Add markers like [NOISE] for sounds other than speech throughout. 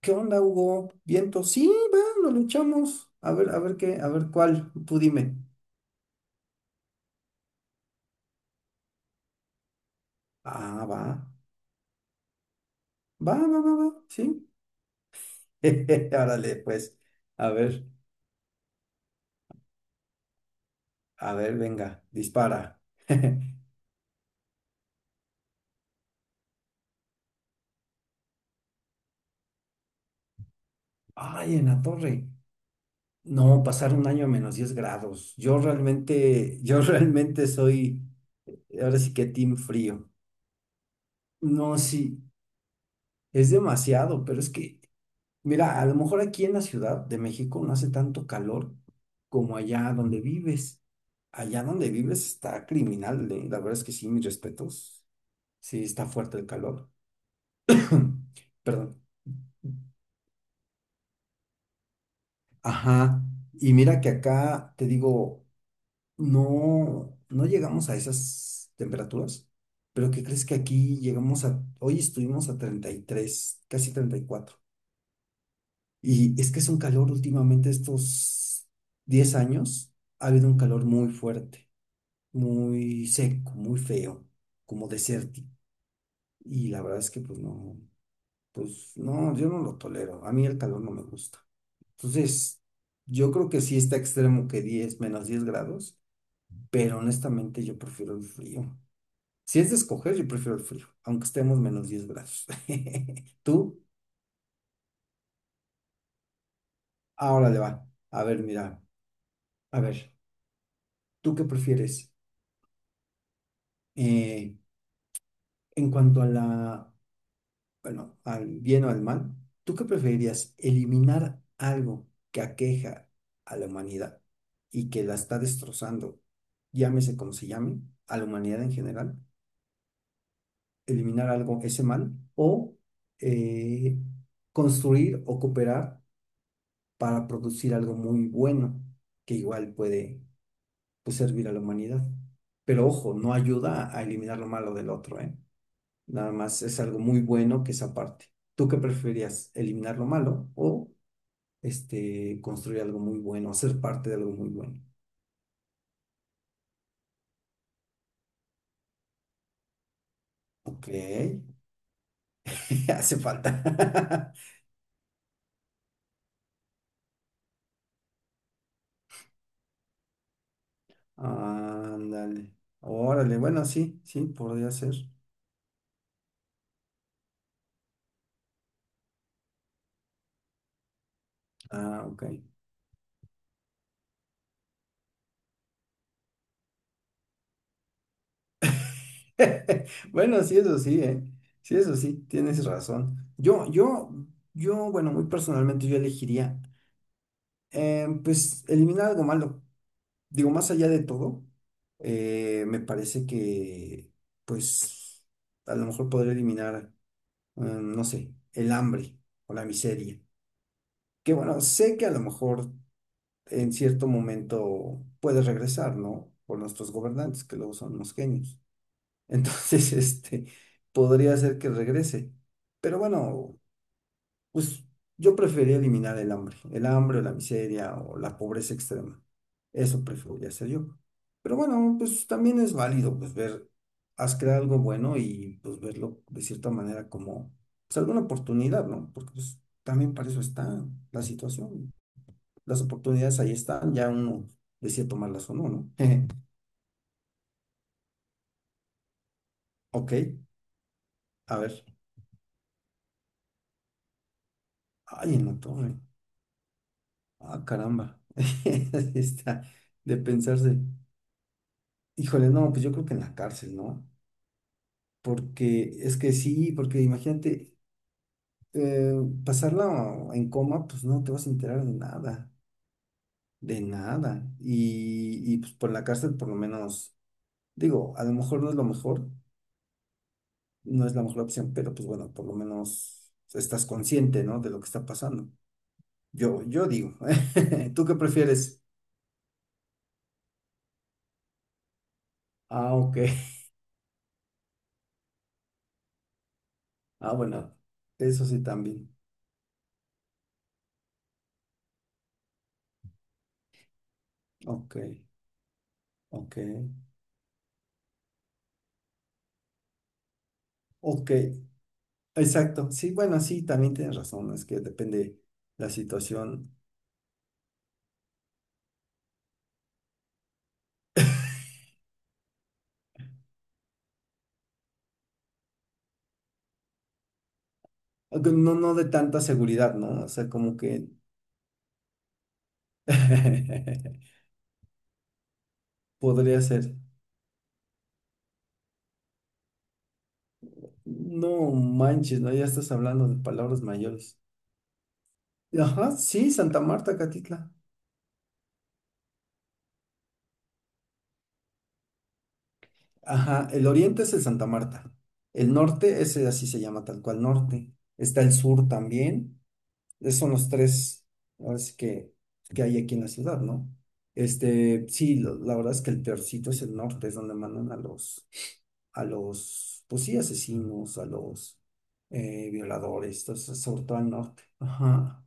¿Qué onda, Hugo? ¿Viento? Sí, va, lo luchamos. A ver qué, a ver cuál, tú dime. Ah, va. Va, va, va, va, sí. [LAUGHS] Árale, pues. A ver, a ver, venga, dispara. [LAUGHS] Ay, en la torre. No, pasar un año a -10 grados. Yo realmente, yo [LAUGHS] realmente soy, ahora sí que team frío. No, sí, es demasiado, pero es que mira, a lo mejor aquí en la Ciudad de México no hace tanto calor como allá donde vives. Allá donde vives está criminal, la verdad es que sí, mis respetos. Sí, está fuerte el calor. [CLEARS THROAT] Perdón. Ajá. Y mira que acá te digo, no, no llegamos a esas temperaturas, pero ¿qué crees que aquí llegamos a, hoy estuvimos a 33, casi 34? Y es que es un calor últimamente, estos 10 años, ha habido un calor muy fuerte, muy seco, muy feo, como desértico. Y la verdad es que pues no, yo no lo tolero. A mí el calor no me gusta. Entonces, yo creo que sí está extremo que 10 -10 grados, pero honestamente yo prefiero el frío. Si es de escoger, yo prefiero el frío, aunque estemos -10 grados. [LAUGHS] ¿Tú? Ahora le va. A ver, mira, a ver, ¿tú qué prefieres? Eh, en cuanto a la, bueno, al bien o al mal, ¿tú qué preferirías? ¿Eliminar algo que aqueja a la humanidad y que la está destrozando, llámese como se llame, a la humanidad en general? ¿Eliminar algo, ese mal? ¿O eh, construir o cooperar para producir algo muy bueno que igual puede, pues, servir a la humanidad? Pero ojo, no ayuda a eliminar lo malo del otro, ¿eh? Nada más es algo muy bueno que esa parte. ¿Tú qué preferirías? ¿Eliminar lo malo o este, construir algo muy bueno, ser parte de algo muy bueno? Ok, [LAUGHS] hace falta. [LAUGHS] Ándale. Órale, bueno, sí, sí, podría ser. Ah, ok. [LAUGHS] Bueno, sí, eso sí, ¿eh? Sí, eso sí, tienes razón. Yo, bueno, muy personalmente yo elegiría, pues, eliminar algo malo. Digo, más allá de todo, me parece que, pues, a lo mejor podría eliminar, no sé, el hambre o la miseria. Que bueno, sé que a lo mejor en cierto momento puede regresar, ¿no? Por nuestros gobernantes, que luego son unos genios. Entonces, [LAUGHS] este, podría ser que regrese. Pero bueno. Pues yo preferiría eliminar el hambre o la miseria o la pobreza extrema. Eso preferiría hacer yo. Pero bueno, pues también es válido pues ver, has creado algo bueno y pues verlo de cierta manera como pues alguna oportunidad, ¿no? Porque pues también para eso está la situación. Las oportunidades ahí están, ya uno decide tomarlas o no, ¿no? [LAUGHS] Ok, a ver. Ay, en la torre. Ah, caramba. [LAUGHS] Está de pensarse. Híjole, no, pues yo creo que en la cárcel, ¿no? Porque es que sí, porque imagínate, eh, pasarla en coma, pues no te vas a enterar de nada, de nada. Y pues por la cárcel por lo menos, digo, a lo mejor no es lo mejor, no es la mejor opción, pero pues bueno, por lo menos estás consciente, ¿no? De lo que está pasando. Yo digo, [LAUGHS] ¿tú qué prefieres? Ah, ok. Ah, bueno, eso sí también. Ok, ok, ok. Exacto, sí, bueno, sí, también tienes razón, es que depende la situación, aunque no, no de tanta seguridad, ¿no? O sea, como que [LAUGHS] podría ser, no manches, ¿no? Ya estás hablando de palabras mayores. Ajá, sí, Santa Marta, Catitla. Ajá, el oriente es el Santa Marta, el norte, ese así se llama tal cual norte, está el sur también. Esos son los tres, ahora sí que hay aquí en la ciudad, ¿no? Este, sí, la verdad es que el peorcito es el norte, es donde mandan a los, pues sí, asesinos, a los violadores, entonces, sobre todo al norte. Ajá.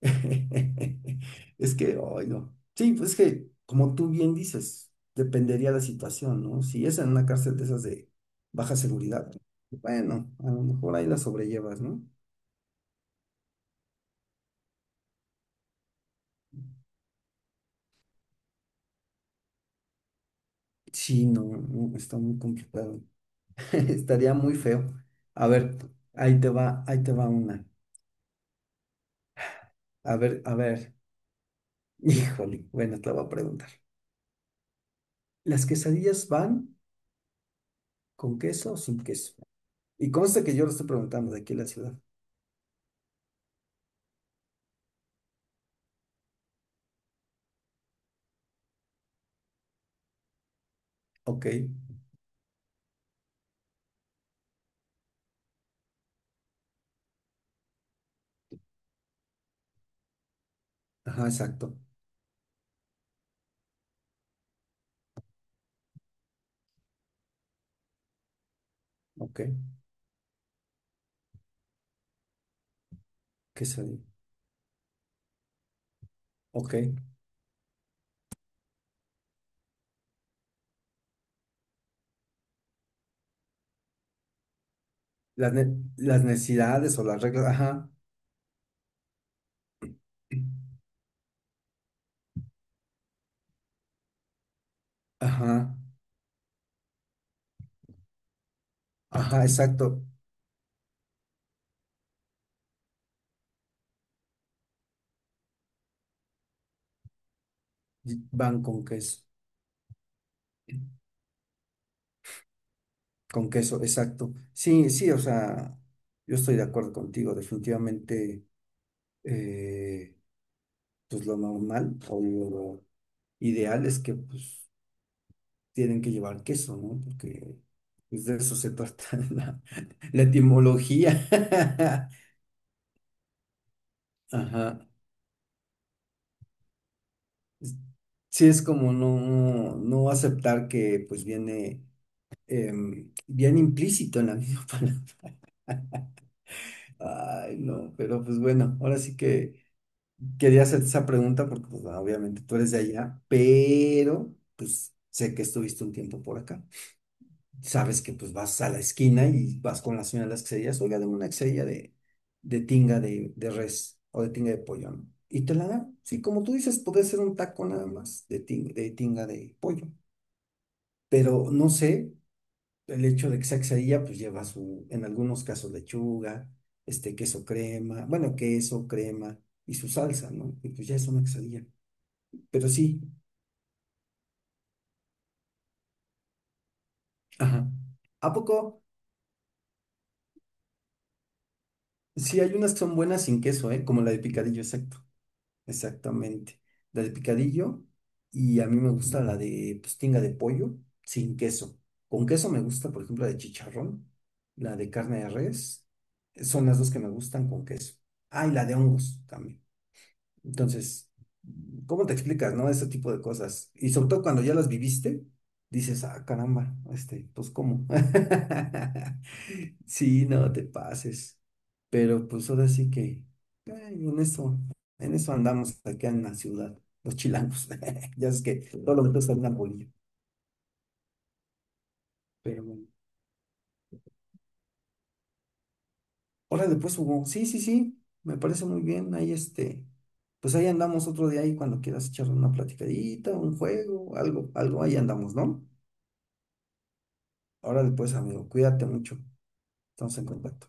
[LAUGHS] Es que, ay, no. Sí, pues es que, como tú bien dices, dependería la situación, ¿no? Si es en una cárcel de esas de baja seguridad, bueno, a lo mejor ahí la sobrellevas, ¿no? Sí, no, no, está muy complicado. [LAUGHS] Estaría muy feo. A ver, ahí te va una. A ver, a ver. [LAUGHS] Híjole, bueno, te la voy a preguntar. ¿Las quesadillas van con queso o sin queso? Y consta que yo lo estoy preguntando de aquí en la ciudad. Ok, ajá, exacto. Ok, quesadilla. Ok. Las, las necesidades o las reglas, ajá, ajá, ajá, exacto. Y van con queso, exacto. Sí, sí, o sea, yo estoy de acuerdo contigo, definitivamente. eh, pues lo normal o lo ideal es que pues tienen que llevar queso, ¿no? Porque pues, de eso se trata [LAUGHS] la, la etimología. [LAUGHS] Ajá. Sí, es como no, no aceptar que pues viene bien implícito en la misma [LAUGHS] palabra. Ay, no, pero pues bueno, ahora sí que quería hacerte esa pregunta porque pues obviamente tú eres de allá, pero pues sé que estuviste un tiempo por acá. Sabes que pues vas a la esquina y vas con la señora de las quesadillas, oiga, dame una quesadilla de, de res o de tinga de pollo, ¿no? Y te la da. Sí, como tú dices, puede ser un taco nada más de tinga de pollo. Pero no sé, el hecho de que sea quesadilla, pues lleva su, en algunos casos, lechuga, este, queso crema, bueno, queso, crema y su salsa, ¿no? Y pues ya es una quesadilla. Pero sí, ajá. ¿A poco? Sí, hay unas que son buenas sin queso, ¿eh? Como la de picadillo, exacto. Exactamente. La de picadillo. Y a mí me gusta la de pues, tinga de pollo sin queso. Con queso me gusta, por ejemplo, la de chicharrón, la de carne de res. Son las dos que me gustan con queso. Ah, y la de hongos también. Entonces, ¿cómo te explicas, no? Ese tipo de cosas. Y sobre todo cuando ya las viviste, dices, ah, caramba, este, pues ¿cómo? [LAUGHS] Sí, no te pases. Pero pues ahora sí que, ay, en eso andamos acá en la ciudad, los chilangos. [LAUGHS] Ya es que todo lo que está en una bolilla. Pero bueno. Órale, pues Hugo, sí, sí, sí, me parece muy bien. Ahí este, pues ahí andamos otro día ahí cuando quieras echar una platicadita, un juego, algo, algo, ahí andamos, ¿no? Órale pues, amigo, cuídate mucho. Estamos en contacto.